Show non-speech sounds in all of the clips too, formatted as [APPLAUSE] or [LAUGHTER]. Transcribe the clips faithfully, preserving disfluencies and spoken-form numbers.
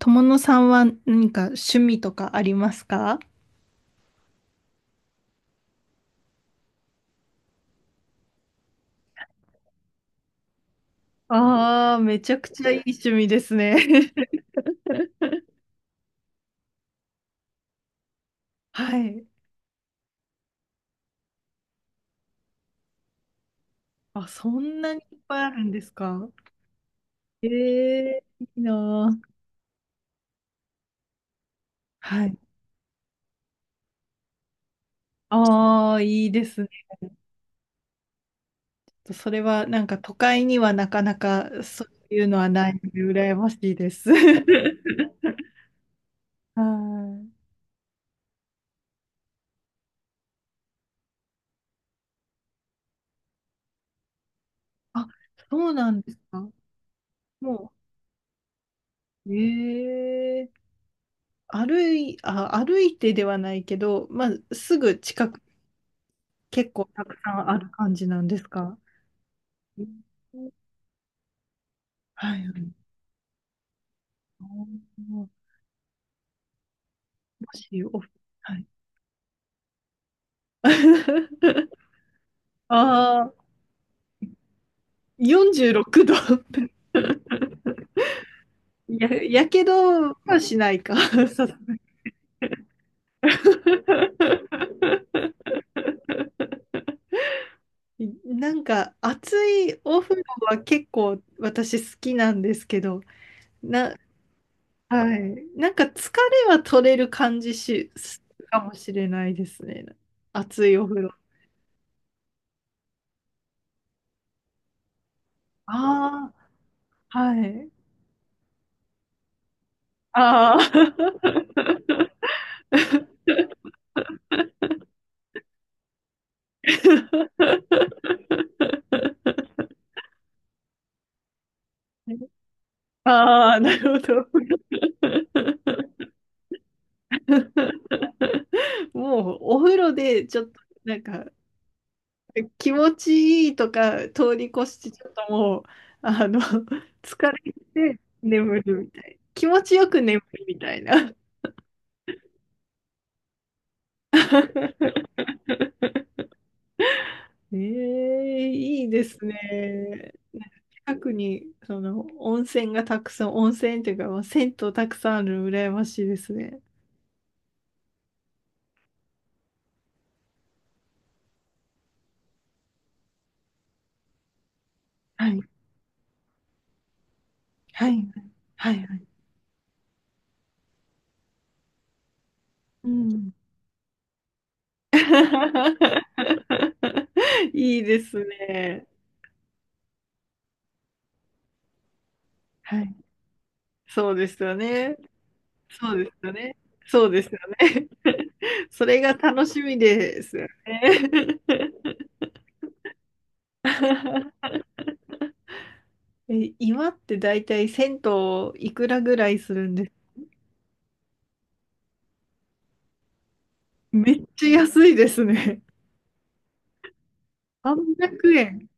友野さんは何か趣味とかありますか？ああ、めちゃくちゃいい趣味ですね。[LAUGHS] はい。あ、そんなにいっぱいあるんですか？ええーいいなー。はい。ああ、いいですね。それはなんか都会にはなかなかそういうのはないので羨ましいです。[LAUGHS] はい。あ、そうなんですか。もう、ええー歩い、あ、歩いてではないけど、まあ、すぐ近く結構たくさんある感じなんですか？うん、はい。あーもし、お、はい。[LAUGHS] ああ、よんじゅうろくど。[LAUGHS] や、やけどはしないか。[LAUGHS] さすが。 [LAUGHS] なんか暑いお風呂は結構私好きなんですけど、な、はい。なんか疲れは取れる感じし、するかもしれないですね。暑いお風呂。あ、はい。ああ。[LAUGHS] ああ、なるほど。もうお風呂でちょっとなんか気持ちいいとか通り越してちょっともうあの疲れて眠るみたい。な、気持ちよく眠るみたいな。ええ、いいですね。なんか近くに、その、温泉がたくさん、温泉っていうか、まあ、銭湯たくさんあるの羨ましいですね。はい、はい、はい、はい。うん。[LAUGHS] いいですね。はい。そうですよね。そうですよね。そうですよね。[LAUGHS] それが楽しみですよね。[LAUGHS] え、今って大体銭湯いくらぐらいするんです？めっちゃ安いですね。[LAUGHS] さんびゃくえん。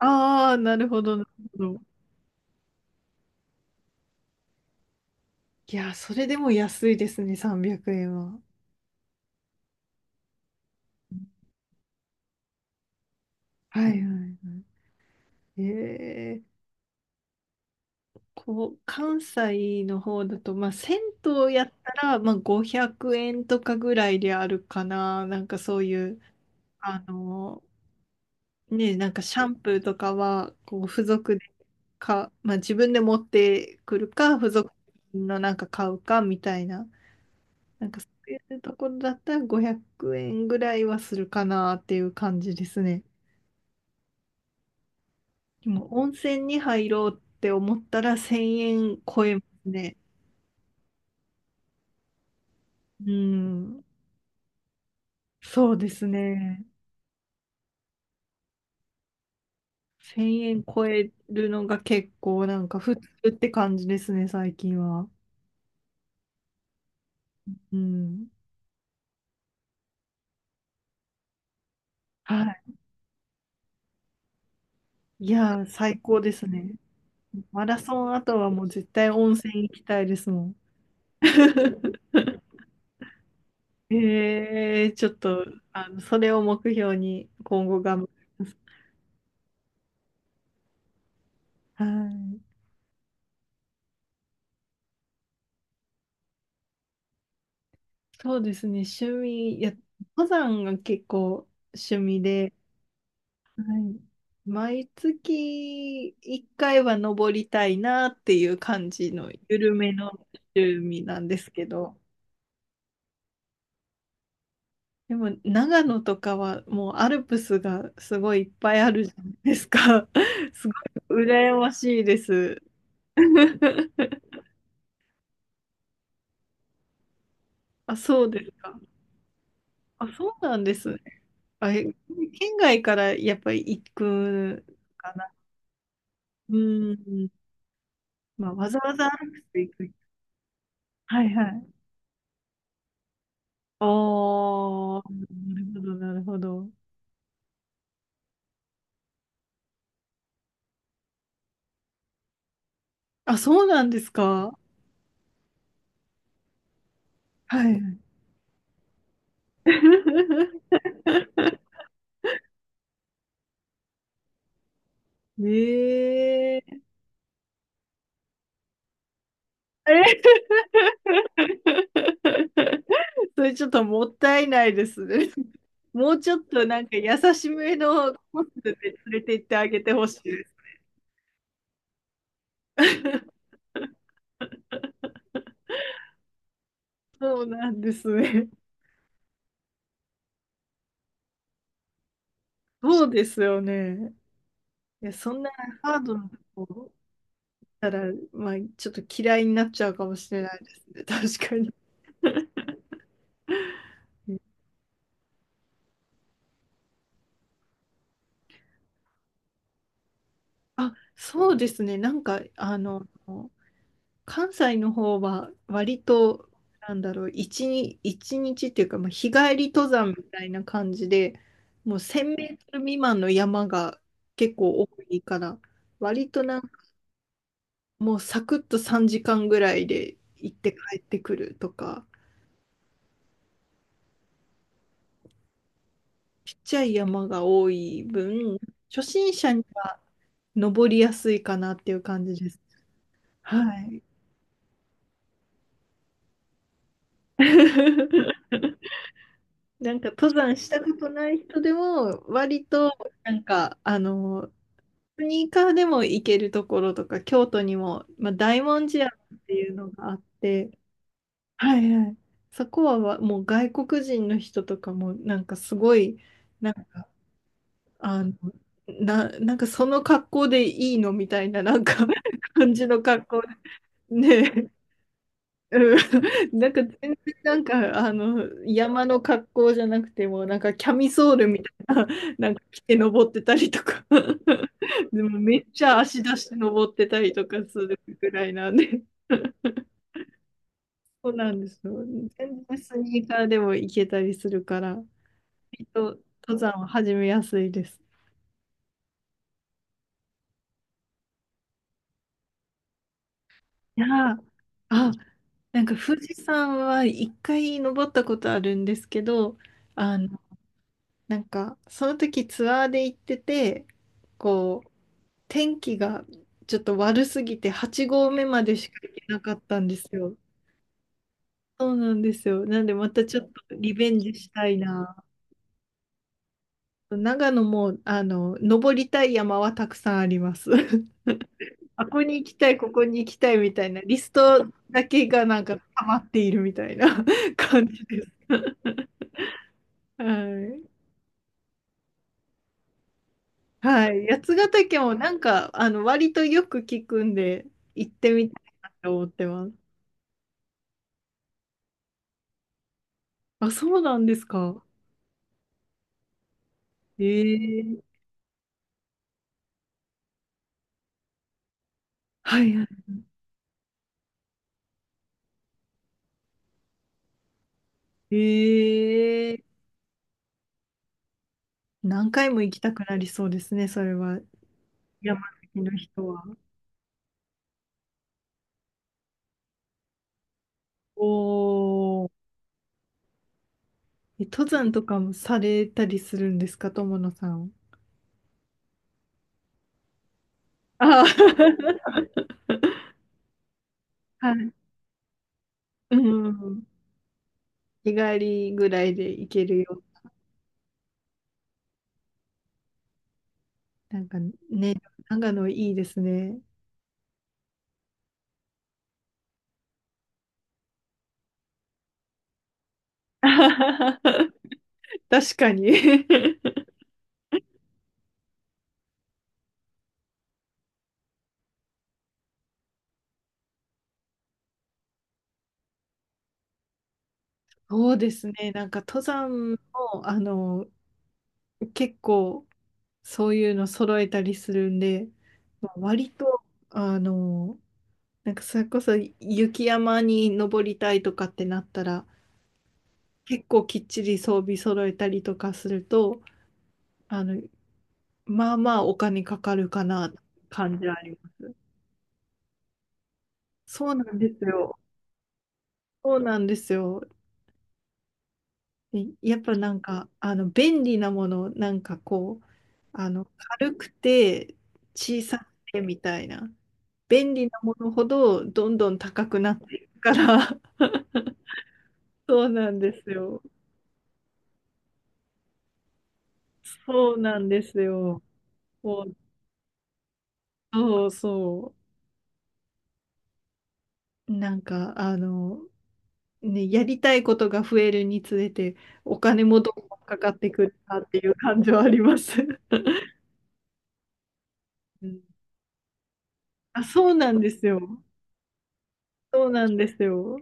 ああ、なるほど、なるほど。いや、それでも安いですね、さんびゃくえんは。はいはいはい。えー、こう、関西の方だと、まあ、銭湯やったら、まあ、ごひゃくえんとかぐらいであるかな。なんかそういう、あの、ね、なんかシャンプーとかは、こう、付属でか、まあ、自分で持ってくるか、付属のなんか買うかみたいな、なんかそういうところだったらごひゃくえんぐらいはするかなっていう感じですね。でも温泉に入ろうって思ったらせんえん超えますね。うん、そうですね。せんえん超えるのが結構なんか普通って感じですね、最近は。うん。はい。いやー、最高ですね。マラソン後はもう絶対温泉行きたいですもん。[LAUGHS] ええちょっと、あの、それを目標に今後頑張ります。はい。そうですね、趣味、いや、登山が結構趣味で、はい。毎月いっかいは登りたいなっていう感じの緩めの趣味なんですけど、でも長野とかはもうアルプスがすごいいっぱいあるじゃないですか。[LAUGHS] すごい羨ましいです。[LAUGHS] あ、そうですか。あ、そうなんですね。あ、え県外からやっぱり行くかな。うん。まあ、わざわざ歩くて行く。はいはい。ああ、なるほど、なるほど。あ、そうなんですか。はい。[LAUGHS] えええ [LAUGHS] それちょっともったいないですね。もうちょっとなんか優しめのコースで連れて行ってあげてほしいです。[LAUGHS] そうなんですね。そうですよね。いや、そんなハードなとこだったら、まあ、ちょっと嫌いになっちゃうかもしれないですね。[LAUGHS] 確かに。[LAUGHS] うん、あ、そうですね。なんか、あの、関西の方は割と、なんだろう、一日、一日っていうか、まあ、日帰り登山みたいな感じで、もうせんメートル未満の山が結構多いから、割となんかもうサクッとさんじかんぐらいで行って帰ってくるとか、ちっちゃい山が多い分、初心者には登りやすいかなっていう感じです。はい。[LAUGHS] なんか登山したことない人でも割となんかあのスニーカーでも行けるところとか京都にも、まあ、大文字山っていうのがあって、はいはい、そこはわもう外国人の人とかもなんかすごい、なんか、あの、な、なんかその格好でいいのみたいな、なんか [LAUGHS] 感じの格好、ねえ、うん、なんか全然なんかあの山の格好じゃなくてもなんかキャミソールみたいな、なんか着て登ってたりとか [LAUGHS] でもめっちゃ足出して登ってたりとかするぐらいなんで。そうなんですよ。全然スニーカーでも行けたりするから、きっと登山は始めやすいです。いやー、あ、なんか富士山は一回登ったことあるんですけど、あの、なんかその時ツアーで行ってて、こう、天気がちょっと悪すぎてはち合目までしか行けなかったんですよ。そうなんですよ。なんでまたちょっとリベンジしたいな。長野も、あの、登りたい山はたくさんあります。[LAUGHS] あ、ここに行きたい、ここに行きたいみたいな、リストだけがなんか溜まっているみたいな [LAUGHS] 感じです。[LAUGHS] はい。はい。八ヶ岳もなんか、あの、割とよく聞くんで、行ってみたいなと思ってます。あ、そうなんですか。えー、はいはい。ええ、何回も行きたくなりそうですね、それは。山好きの人は。おー。え、登山とかもされたりするんですか、友野さん。あー。 [LAUGHS] はい。うん。日帰りぐらいで行けるよ。なんか、ね、長野いいですね。[LAUGHS] 確かに。 [LAUGHS] そうですね。なんか登山も、あの、結構そういうの揃えたりするんで、まあ割と、あの、なんかそれこそ雪山に登りたいとかってなったら、結構きっちり装備揃えたりとかすると、あの、まあまあお金かかるかな、感じはあります。そうなんですよ。そうなんですよ。いやっぱなんか、あの、便利なもの、なんかこう、あの、軽くて小さくてみたいな。便利なものほどどんどん高くなっていくから。[LAUGHS] そうなんですよ。そうなんですよ。もう、そうそう。なんか、あの、ね、やりたいことが増えるにつれて、お金もどんどんかかってくるなっていう感じはあります。[LAUGHS] うん、あ、そうなんですよ。そうなんですよ。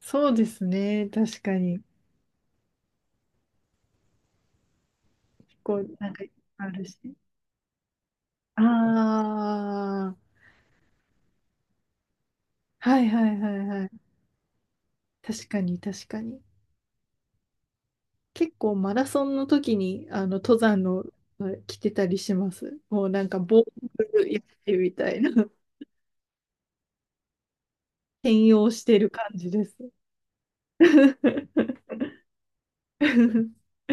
そうですね。確かに。こう、なんか、あるし。ああ、はいはいはいはい。確かに確かに。結構マラソンの時に、あの、登山の、あ着てたりします。もうなんか、防具やってみたいな。[LAUGHS] 転用してる感じです。[LAUGHS]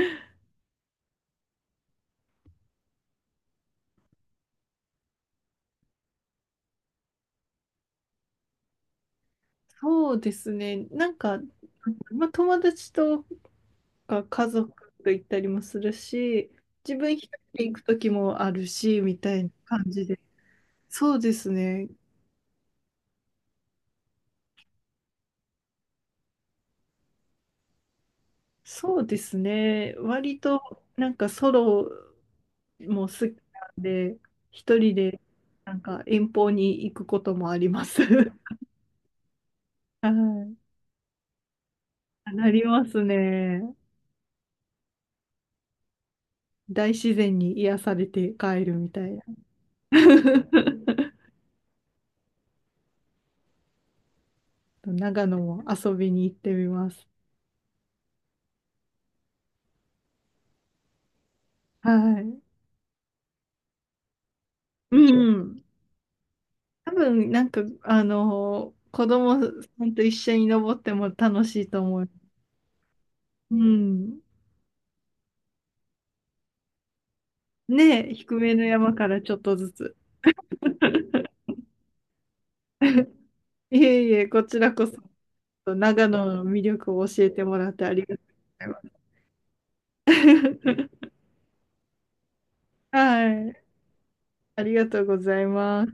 そうですね。なんか、まあ、友達とか家族と行ったりもするし、自分一人で行く時もあるし、みたいな感じで。そうですね。そうですね。割となんかソロも好きなんで、一人でなんか遠方に行くこともあります。[LAUGHS] はい。なりますね。大自然に癒されて帰るみたいな。[LAUGHS] 長野も遊びに行ってみます。はい。うん。多分、なんか、あの、子供さんと一緒に登っても楽しいと思う。うん。ねえ、低めの山からちょっとずつ。いえいえ、こちらこそ、長野の魅力を教えてもらってありがとうございます。[LAUGHS] はい、ありがとうございます。